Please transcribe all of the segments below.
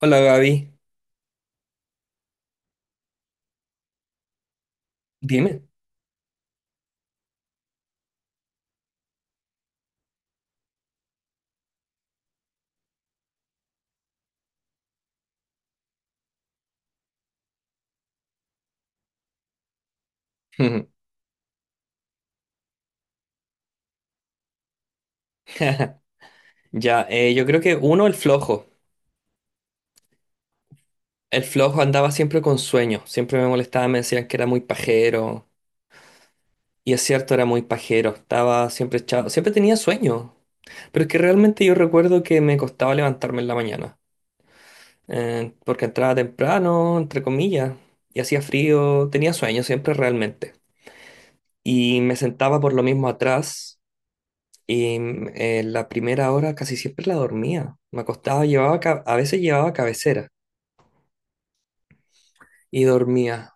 Hola Gaby, dime. Ya, yo creo que uno, el flojo. El flojo andaba siempre con sueño, siempre me molestaba, me decían que era muy pajero. Y es cierto, era muy pajero, estaba siempre echado, siempre tenía sueño. Pero es que realmente yo recuerdo que me costaba levantarme en la mañana, porque entraba temprano, entre comillas, y hacía frío, tenía sueño siempre realmente. Y me sentaba por lo mismo atrás. Y la primera hora casi siempre la dormía. Me acostaba, a veces llevaba cabecera y dormía.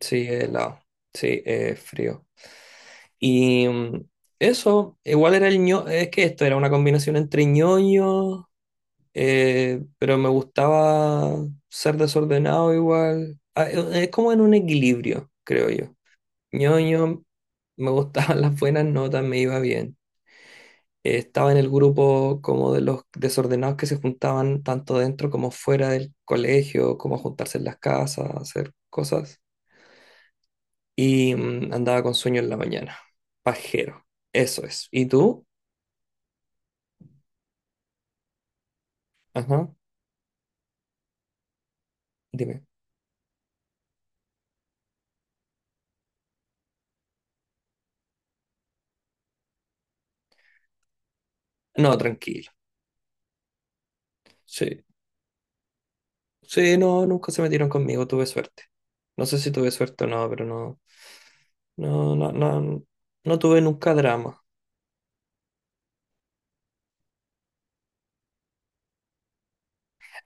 Sí, helado. Sí, frío. Y eso, igual era es que esto era una combinación entre ñoño, pero me gustaba ser desordenado igual. Ah, es como en un equilibrio, creo yo. Ñoño, me gustaban las buenas notas, me iba bien. Estaba en el grupo como de los desordenados que se juntaban tanto dentro como fuera del colegio, como a juntarse en las casas, a hacer cosas. Y andaba con sueño en la mañana. Pajero. Eso es. ¿Y tú? Ajá. Dime. No, tranquilo. Sí. Sí, no, nunca se metieron conmigo. Tuve suerte. No sé si tuve suerte o no, pero no. No, no, no. No tuve nunca drama.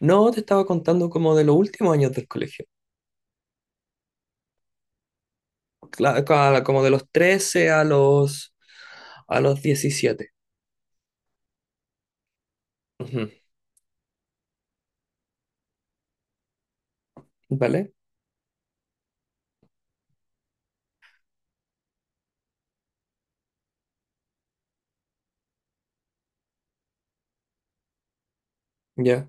No, te estaba contando como de los últimos años del colegio. Como de los 13 a los 17. Ujú. ¿Vale? Ya,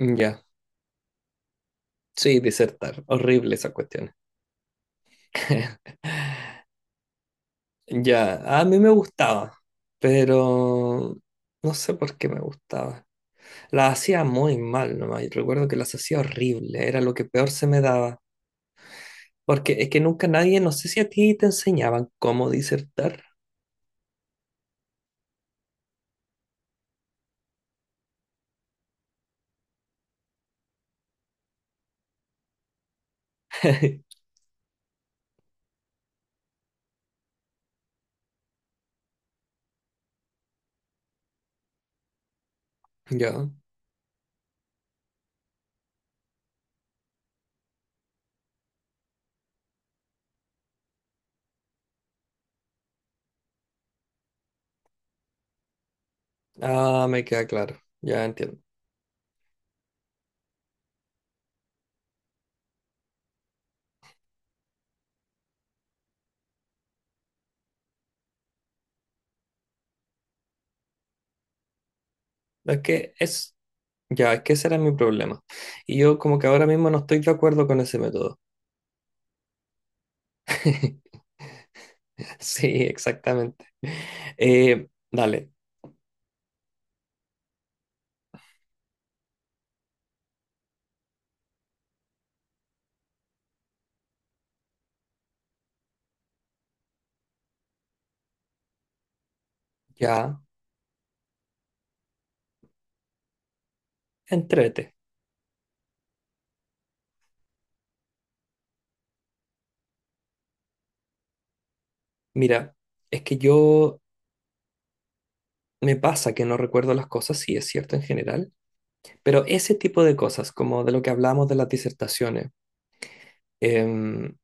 ya. Sí, disertar. Horrible esa cuestión. Ya, a mí me gustaba, pero no sé por qué me gustaba. Las hacía muy mal nomás. Y recuerdo que las hacía horrible, era lo que peor se me daba. Porque es que nunca nadie, no sé si a ti te enseñaban cómo disertar. Ya, ah, me queda claro, ya entiendo. Es que es, Ya, es que ese era mi problema. Y yo como que ahora mismo no estoy de acuerdo con ese método. Sí, exactamente. Dale, ya, entrete. Mira, es que yo me pasa que no recuerdo las cosas, sí, es cierto en general, pero ese tipo de cosas, como de lo que hablamos de las disertaciones, em,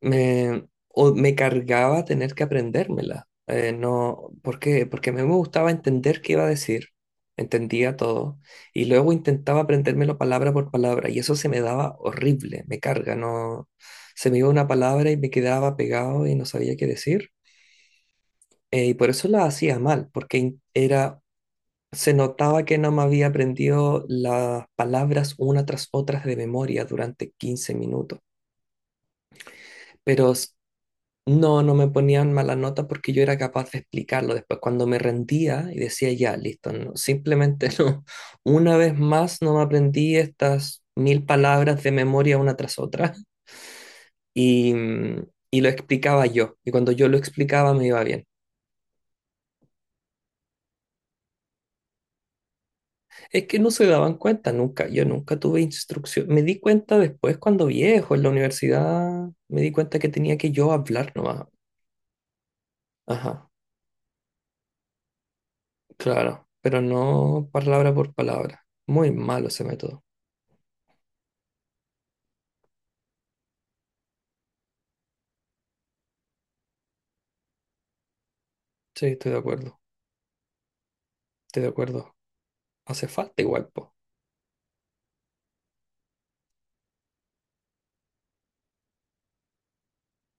o me cargaba tener que aprendérmela. No, ¿por qué? Porque a mí me gustaba entender qué iba a decir, entendía todo, y luego intentaba aprendérmelo palabra por palabra, y eso se me daba horrible, me carga, no, se me iba una palabra y me quedaba pegado y no sabía qué decir, y por eso la hacía mal, porque era, se notaba que no me había aprendido las palabras una tras otras de memoria durante 15 minutos. pero s- No, no me ponían mala nota porque yo era capaz de explicarlo después cuando me rendía y decía ya, listo, no, simplemente no. Una vez más no me aprendí estas 1.000 palabras de memoria una tras otra y, mm, y lo explicaba yo. Y cuando yo lo explicaba me iba bien. Es que no se daban cuenta nunca, yo nunca tuve instrucción. Me di cuenta después cuando viejo en la universidad, me di cuenta que tenía que yo hablar nomás. Ajá, claro, pero no palabra por palabra. Muy malo ese método. Sí, estoy de acuerdo, estoy de acuerdo. Hace falta igual, po.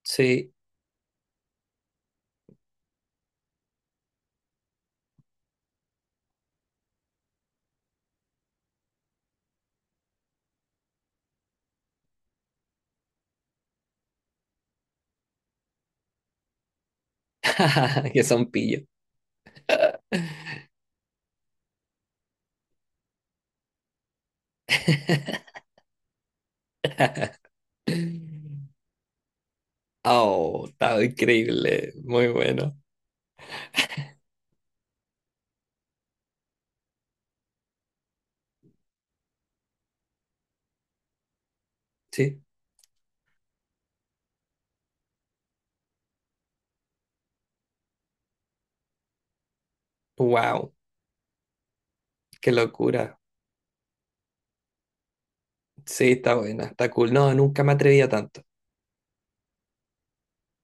Sí, que son pillos. Oh, está increíble, muy bueno. Sí, wow, qué locura. Sí, está buena, está cool. No, nunca me atrevía tanto,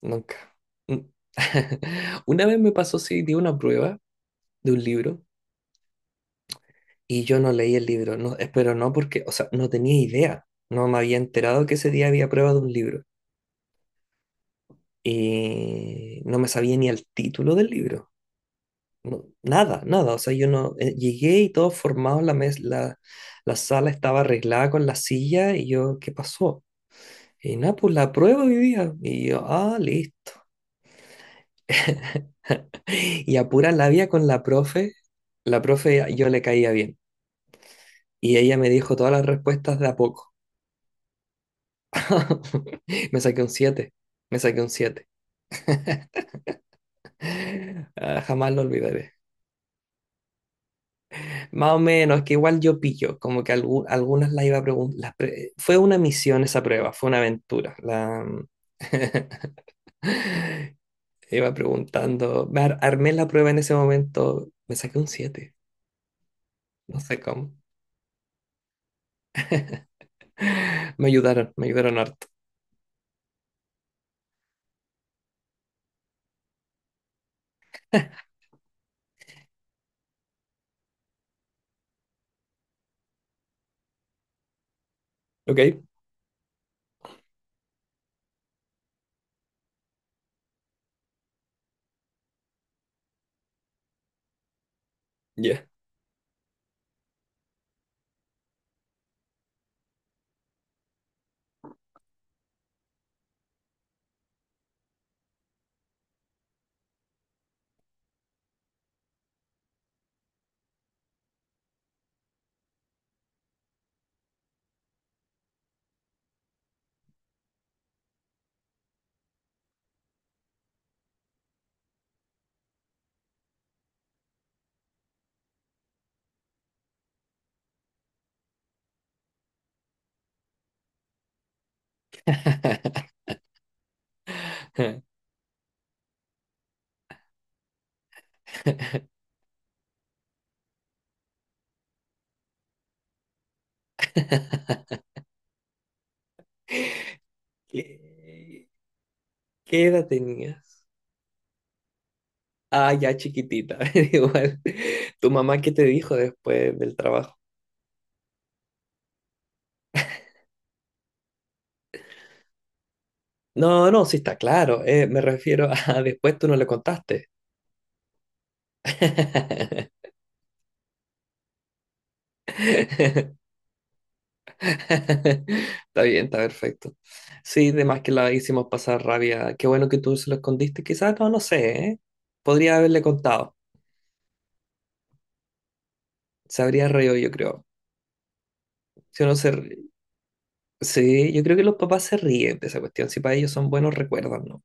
nunca. Mm. Una vez me pasó, sí, di una prueba de un libro y yo no leí el libro, no, espero no porque, o sea, no tenía idea, no me había enterado que ese día había prueba de un libro y no me sabía ni el título del libro. No, nada, nada. O sea, yo no llegué y todo formado, la, la sala estaba arreglada con la silla y yo, ¿qué pasó? Y nada, pues la prueba hoy día. Y yo, ah, listo. Y a pura labia con la profe. La profe, ah, yo le caía bien. Y ella me dijo todas las respuestas de a poco. Me saqué un siete. Me saqué un siete. Ah, jamás lo olvidaré. Más o menos, que igual yo pillo, como que algunas las iba a preguntar. Fue una misión esa prueba, fue una aventura. Iba preguntando, me armé la prueba en ese momento, me saqué un siete, no sé cómo. Me ayudaron harto. ¿Ok? Ya. ¿Qué, qué edad tenías? Ah, ya chiquitita, igual. ¿Tu mamá qué te dijo después del trabajo? No, no, sí está claro. Me refiero a después tú no le contaste. Está bien, está perfecto. Sí, de más que la hicimos pasar rabia. Qué bueno que tú se lo escondiste. Quizás no, no sé, ¿eh? Podría haberle contado. Se habría reído, yo creo. Si uno se... ri- Sí, yo creo que los papás se ríen de esa cuestión. Si para ellos son buenos recuerdos, ¿no?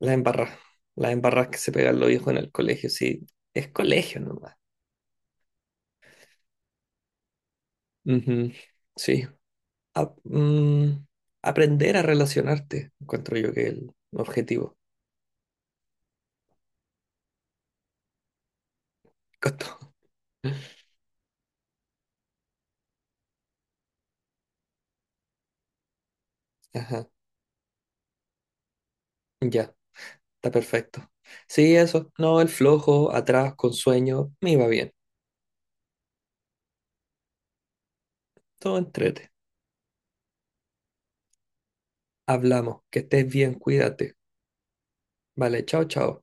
Las embarras. Las embarras que se pegan los viejos en el colegio, sí. Es colegio nomás. Ujú. Sí. ap- mm, aprender a relacionarte, encuentro yo que es el objetivo. Con todo. Ajá, ya, está perfecto. Sí, eso. No, el flojo, atrás, con sueño, me iba bien. Todo entrete. Hablamos, que estés bien, cuídate. Vale, chao, chao.